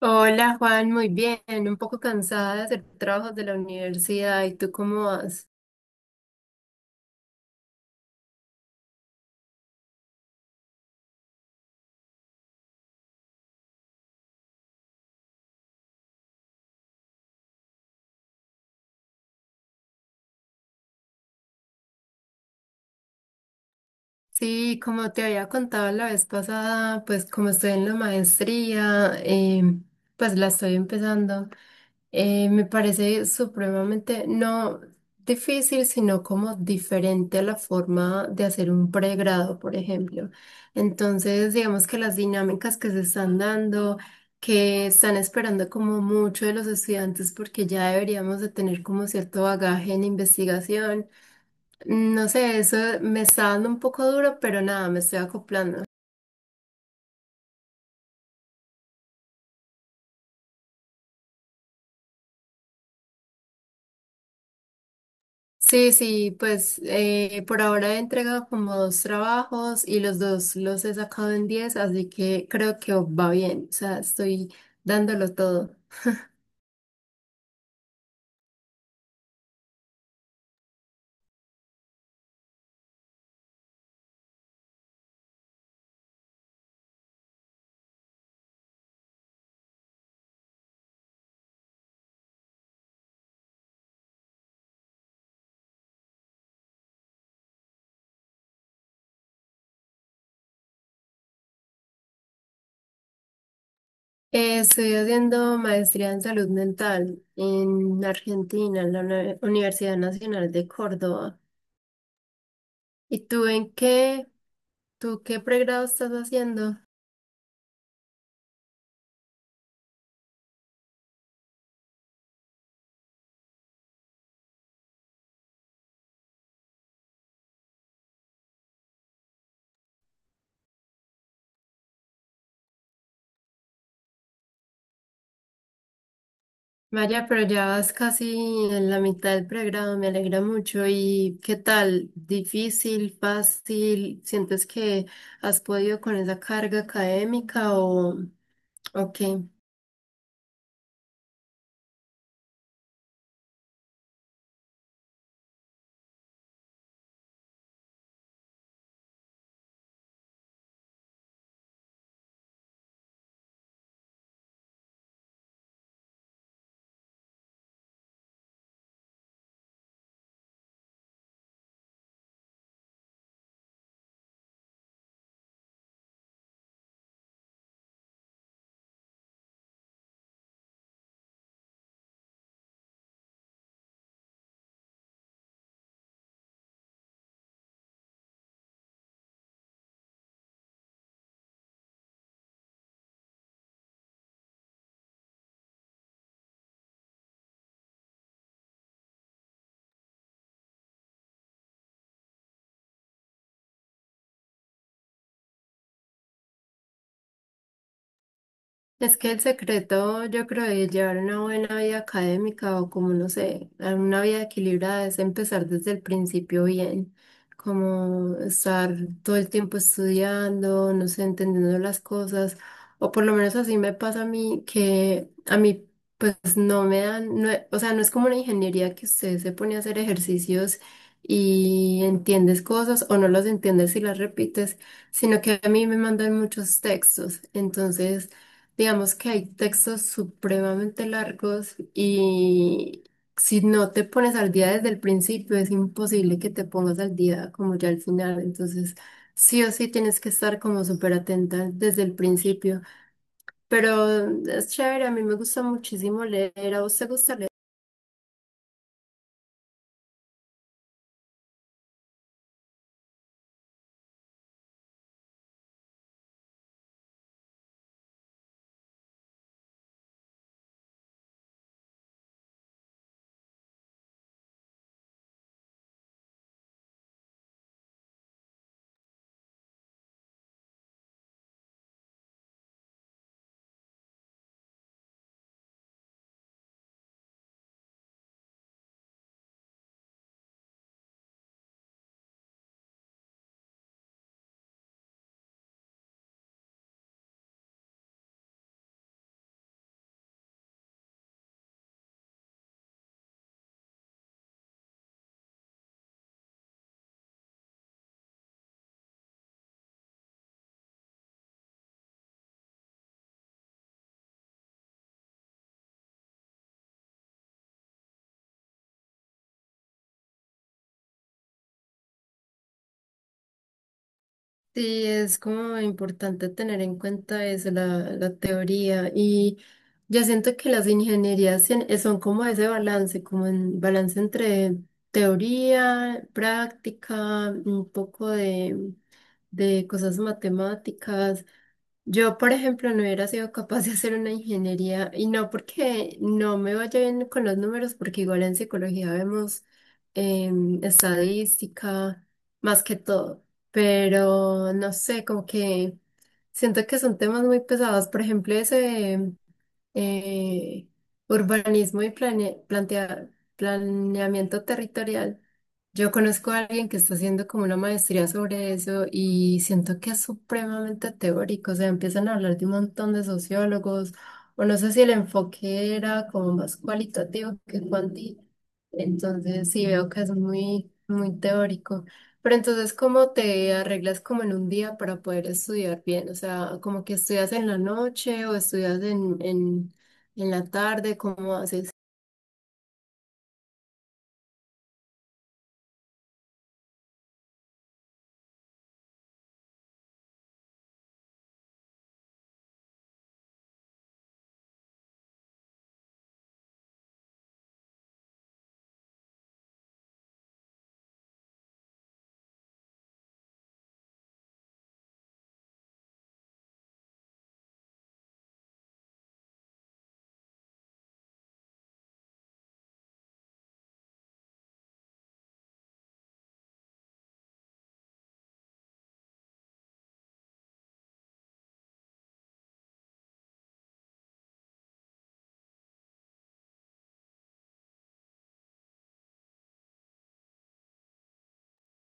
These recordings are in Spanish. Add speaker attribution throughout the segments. Speaker 1: Hola Juan, muy bien, un poco cansada de hacer trabajos de la universidad. ¿Y tú cómo vas? Sí, como te había contado la vez pasada, pues como estoy en la maestría, pues la estoy empezando. Me parece supremamente, no difícil, sino como diferente a la forma de hacer un pregrado, por ejemplo. Entonces, digamos que las dinámicas que se están dando, que están esperando como mucho de los estudiantes, porque ya deberíamos de tener como cierto bagaje en investigación. No sé, eso me está dando un poco duro, pero nada, me estoy acoplando. Sí, sí, pues por ahora he entregado como dos trabajos y los dos los he sacado en 10, así que creo que va bien, o sea, estoy dándolo todo. Estoy haciendo maestría en salud mental en Argentina, en la Universidad Nacional de Córdoba. ¿Y tú en qué? ¿Tú qué pregrado estás haciendo? Vaya, pero ya vas casi en la mitad del programa. Me alegra mucho. ¿Y qué tal? ¿Difícil, fácil? ¿Sientes que has podido con esa carga académica o qué? Es que el secreto, yo creo, de llevar una buena vida académica o como, no sé, una vida equilibrada es empezar desde el principio bien, como estar todo el tiempo estudiando, no sé, entendiendo las cosas, o por lo menos así me pasa a mí, que a mí pues no me dan, no, o sea, no es como una ingeniería que usted se pone a hacer ejercicios y entiendes cosas o no las entiendes y las repites, sino que a mí me mandan muchos textos, entonces. Digamos que hay textos supremamente largos y si no te pones al día desde el principio, es imposible que te pongas al día como ya al final. Entonces, sí o sí tienes que estar como súper atenta desde el principio. Pero es chévere, a mí me gusta muchísimo leer. ¿A vos te gusta leer? Sí, es como importante tener en cuenta eso, la teoría. Y yo siento que las ingenierías son como ese balance, como un balance entre teoría, práctica, un poco de cosas matemáticas. Yo, por ejemplo, no hubiera sido capaz de hacer una ingeniería y no porque no me vaya bien con los números, porque igual en psicología vemos estadística más que todo, pero no sé, como que siento que son temas muy pesados. Por ejemplo, ese eh, urbanismo y plane- plantea- planeamiento territorial. Yo conozco a alguien que está haciendo como una maestría sobre eso y siento que es supremamente teórico. O sea, empiezan a hablar de un montón de sociólogos, o no sé si el enfoque era como más cualitativo que cuantitativo. Entonces sí veo que es muy, muy teórico. Pero entonces, ¿cómo te arreglas como en un día para poder estudiar bien? O sea, como que estudias en la noche o estudias en la tarde, ¿cómo haces?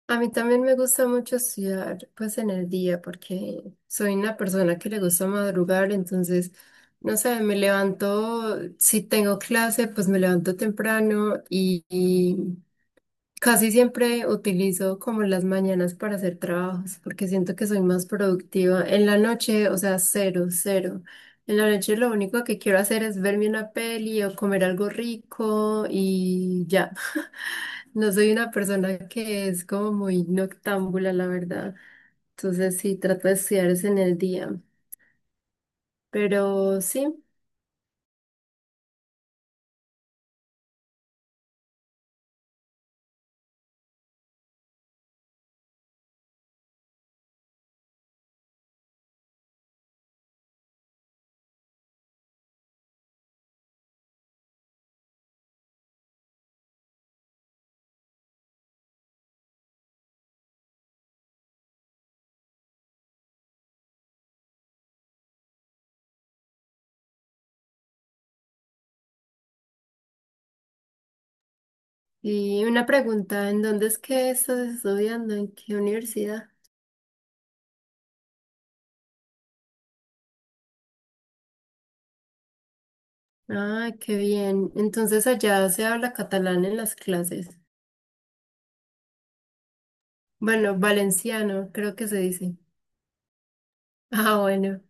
Speaker 1: A mí también me gusta mucho estudiar pues en el día porque soy una persona que le gusta madrugar, entonces, no sé, me levanto, si tengo clase, pues me levanto temprano y casi siempre utilizo como las mañanas para hacer trabajos, porque siento que soy más productiva. En la noche, o sea, cero. En la noche lo único que quiero hacer es verme una peli o comer algo rico y ya. No soy una persona que es como muy noctámbula, la verdad. Entonces sí, trato de estudiar es en el día. Pero sí, y una pregunta, ¿en dónde es que estás estudiando? ¿En qué universidad? Ah, qué bien. Entonces allá se habla catalán en las clases. Bueno, valenciano, creo que se dice. Ah, bueno.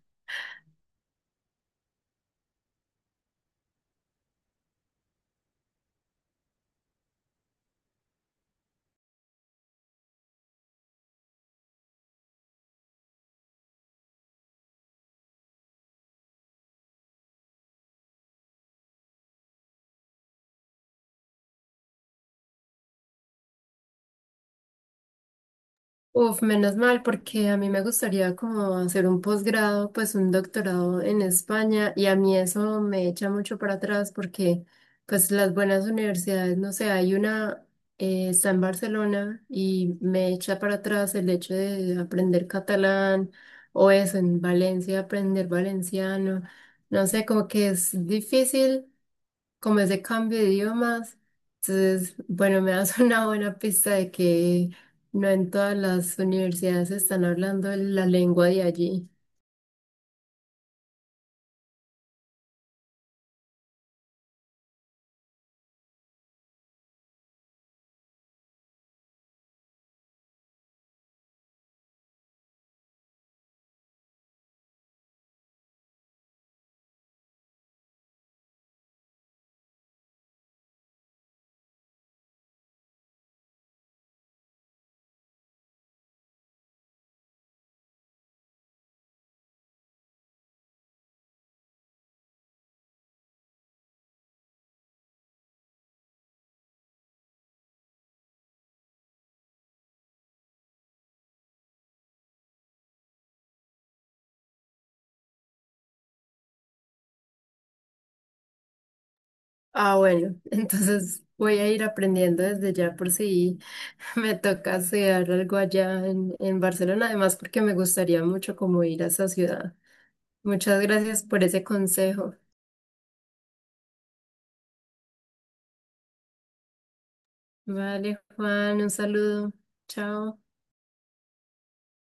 Speaker 1: Uf, menos mal, porque a mí me gustaría como hacer un posgrado, pues un doctorado en España, y a mí eso me echa mucho para atrás porque pues las buenas universidades, no sé, hay una, está en Barcelona y me echa para atrás el hecho de aprender catalán o eso, en Valencia aprender valenciano, no sé, como que es difícil como ese cambio de idiomas. Entonces, bueno, me das una buena pista de que no en todas las universidades están hablando la lengua de allí. Ah, bueno, entonces voy a ir aprendiendo desde ya por si me toca hacer algo allá en Barcelona, además porque me gustaría mucho como ir a esa ciudad. Muchas gracias por ese consejo. Vale, Juan, un saludo. Chao.